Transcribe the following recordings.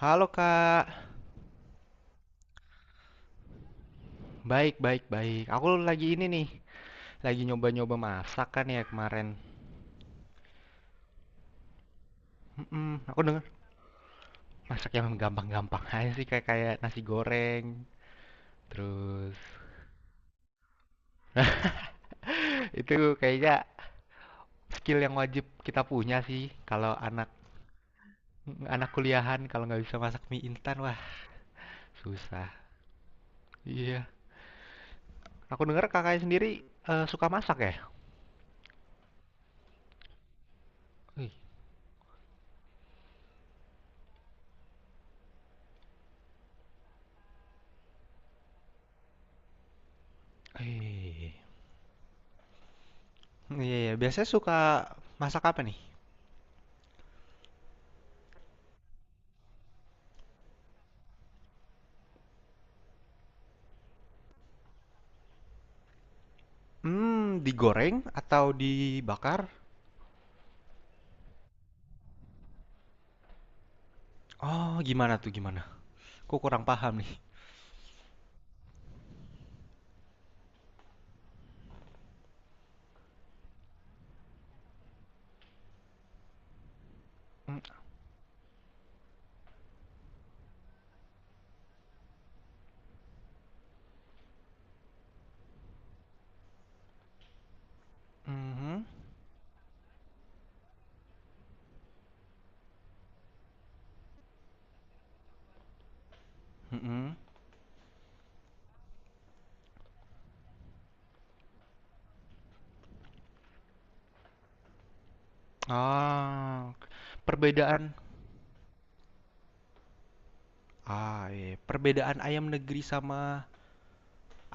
Halo Kak, baik baik baik. Aku lagi ini nih, lagi nyoba-nyoba masak kan ya kemarin. Mm-mm, aku denger masak yang gampang-gampang aja sih kayak kayak nasi goreng. Terus itu kayaknya skill yang wajib kita punya sih kalau anak anak kuliahan kalau nggak bisa masak mie instan wah susah. Iya. Aku denger kakaknya sendiri suka masak ya? Wih. Eh. Iya, iya. Biasanya suka masak apa nih? Mmm, digoreng atau dibakar? Oh, gimana tuh? Aku kurang paham nih. Mhm, mhm. Ah, perbedaan iya, Perbedaan ayam negeri sama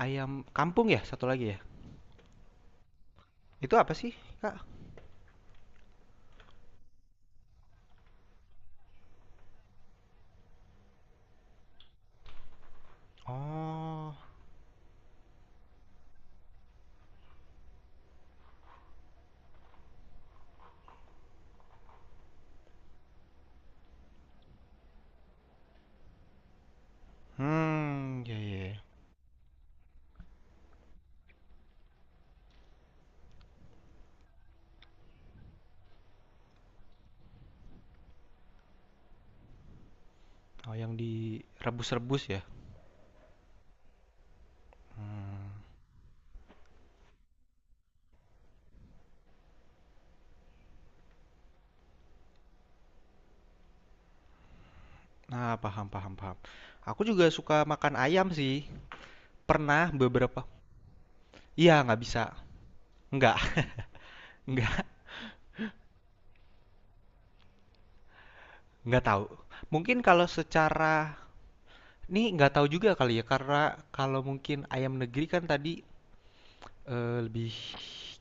ayam kampung ya, satu lagi ya? Itu apa sih, Kak? Oh, mmm, ya ya, iya. Oh, yang direbus-rebus ya? Nah, paham paham paham. Aku juga suka makan ayam sih, pernah beberapa iya, nggak bisa, nggak nggak. Nggak tahu. Mungkin kalau secara ini nggak tahu juga kali ya karena kalau mungkin ayam negeri kan tadi lebih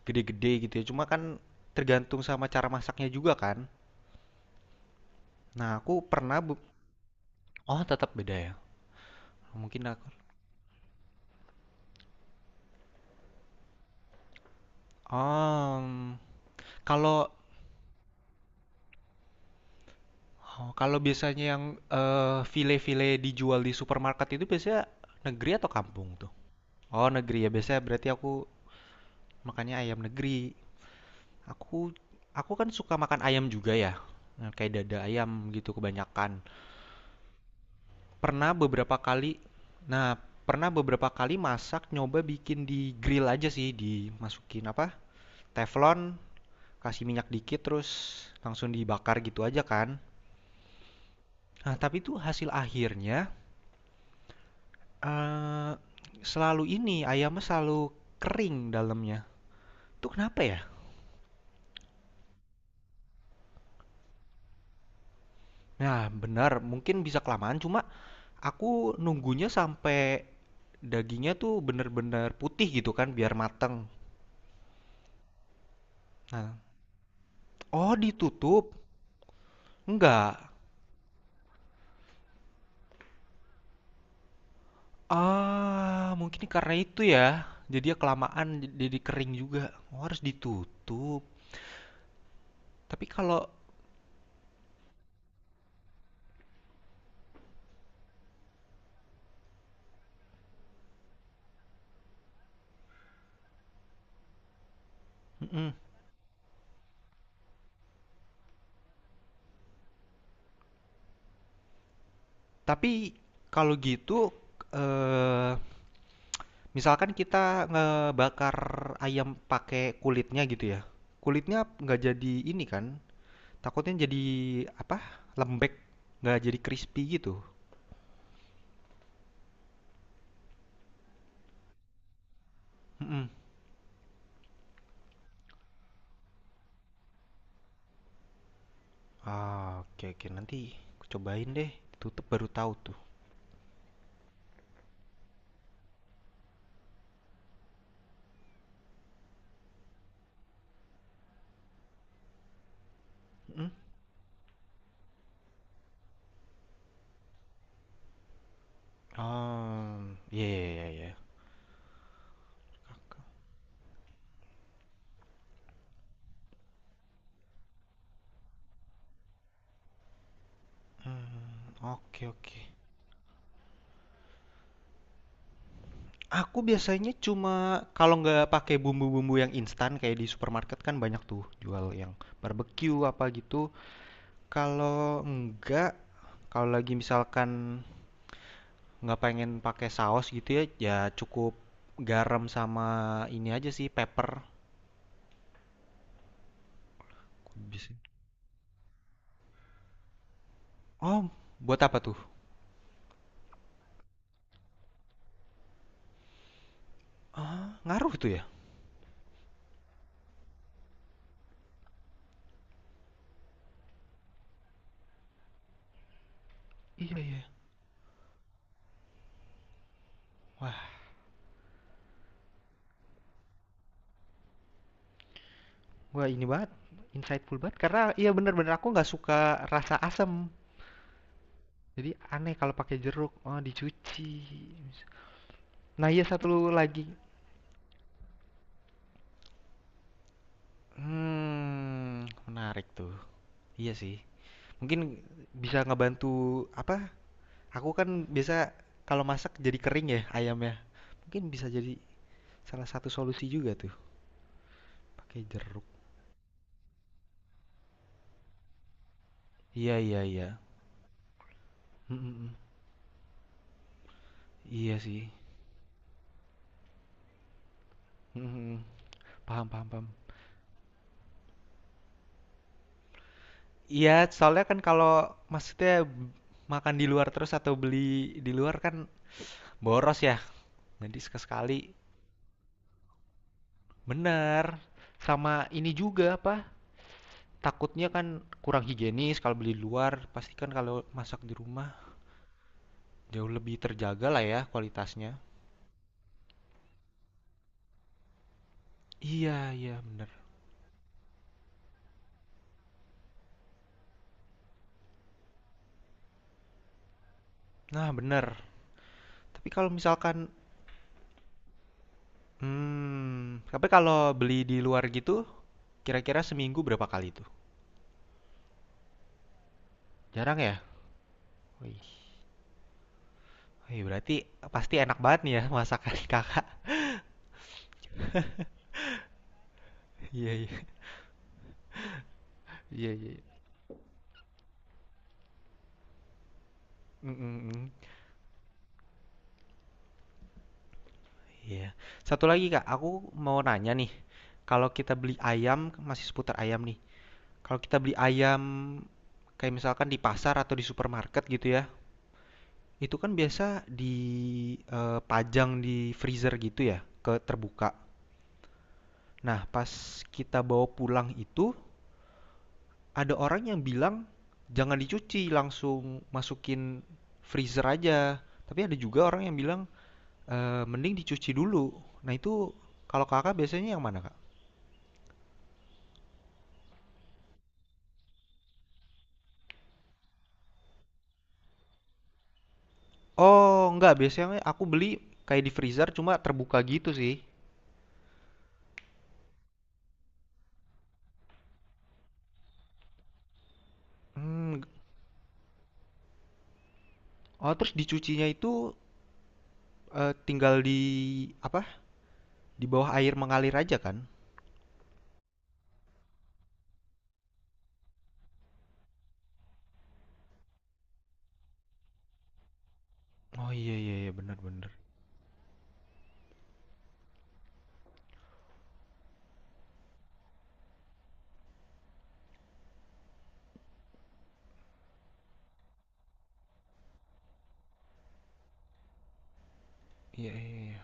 gede-gede gitu ya. Cuma kan tergantung sama cara masaknya juga kan. Nah, aku pernah bu- Oh, tetap beda ya. Mungkin aku. Oh, mm, kalau oh, kalau biasanya yang file-file dijual di supermarket itu biasanya negeri atau kampung tuh? Oh, negeri ya. Biasanya berarti aku makannya ayam negeri. Aku aku kan suka makan ayam juga ya. Nah, kayak dada ayam gitu kebanyakan. Pernah beberapa kali nah, Pernah beberapa kali masak nyoba bikin di grill aja sih, dimasukin apa? Teflon, kasih minyak dikit terus langsung dibakar gitu aja kan. Nah, tapi itu hasil akhirnya eh selalu ini ayamnya selalu kering dalamnya. Itu kenapa ya? Nah, benar, mungkin bisa kelamaan cuma aku nunggunya sampai dagingnya tuh bener-bener putih gitu kan biar mateng. Nah, oh ditutup? Enggak. Ah, mungkin karena itu ya. Jadi ya kelamaan jadi kering juga. Oh, harus ditutup. Tapi kalau mm-mm. Tapi kalau gitu eh misalkan kita ngebakar ayam pakai kulitnya gitu ya. Kulitnya nggak jadi ini kan? Takutnya jadi apa? Lembek, nggak jadi crispy gitu. Mm-mm. Ah, oke oke nanti aku cobain deh. Tutup baru tahu tuh. Hmm? Oh, ya ya ya, iya. Hmm, oke oke. Aku biasanya cuma kalau nggak pakai bumbu-bumbu yang instan kayak di supermarket kan banyak tuh jual yang barbecue apa gitu. Kalau enggak, kalau lagi misalkan nggak pengen pakai saus gitu ya, ya cukup garam sama ini aja sih pepper. Bisa. Oh, buat apa tuh? Ah, ngaruh tuh ya? Iya iya. Wah, wah ini banget, insightful banget. Karena iya bener-bener aku nggak suka rasa asam. Jadi aneh kalau pakai jeruk, oh dicuci. Nah iya satu lagi, hmm, menarik tuh. Iya sih. Mungkin bisa ngebantu apa? Aku kan biasa kalau masak jadi kering ya ayamnya. Mungkin bisa jadi salah satu solusi juga tuh pakai jeruk. Iya, iya, iya. Mm, mm, mm. Iya sih. Mm, mm, mm. Paham, paham, paham. Iya, soalnya kan kalau maksudnya makan di luar terus atau beli di luar kan boros ya. Jadi sekali-sekali bener. Sama ini juga apa? Takutnya kan kurang higienis kalau beli di luar. Pastikan kalau masak di rumah jauh lebih terjaga lah ya kualitasnya. Iya, iya bener. Nah, bener. Tapi kalau misalkan hmm, tapi kalau beli di luar gitu kira-kira seminggu berapa kali tuh? Jarang ya? Wih. Wih, berarti pasti enak banget nih ya masakan kakak. Iya, iya, iya, iya. Mm, mm, mm. Iya. Satu lagi, Kak, aku mau nanya nih. Kalau kita beli ayam, masih seputar ayam nih. Kalau kita beli ayam kayak misalkan di pasar atau di supermarket gitu ya, itu kan biasa dipajang di freezer gitu ya, ke terbuka. Nah, pas kita bawa pulang itu, ada orang yang bilang jangan dicuci, langsung masukin freezer aja. Tapi ada juga orang yang bilang eee, mending dicuci dulu. Nah itu kalau Kakak biasanya yang mana, Kak? Oh enggak, biasanya aku beli kayak di freezer cuma terbuka gitu sih. Mmm, oh terus dicucinya itu, tinggal di apa, di bawah air mengalir aja kan? Oh iya iya iya, benar, bener. Iya iya iya.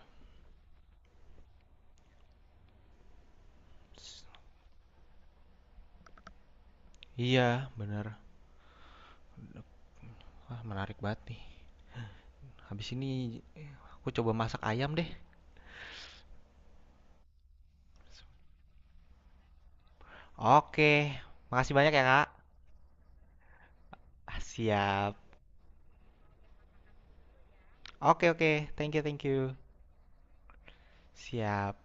Iya, bener. Wah menarik banget nih. Habis ini aku coba masak ayam deh. Oke, makasih banyak ya, Kak. Ah, siap. Oke oke, thank you. Siap.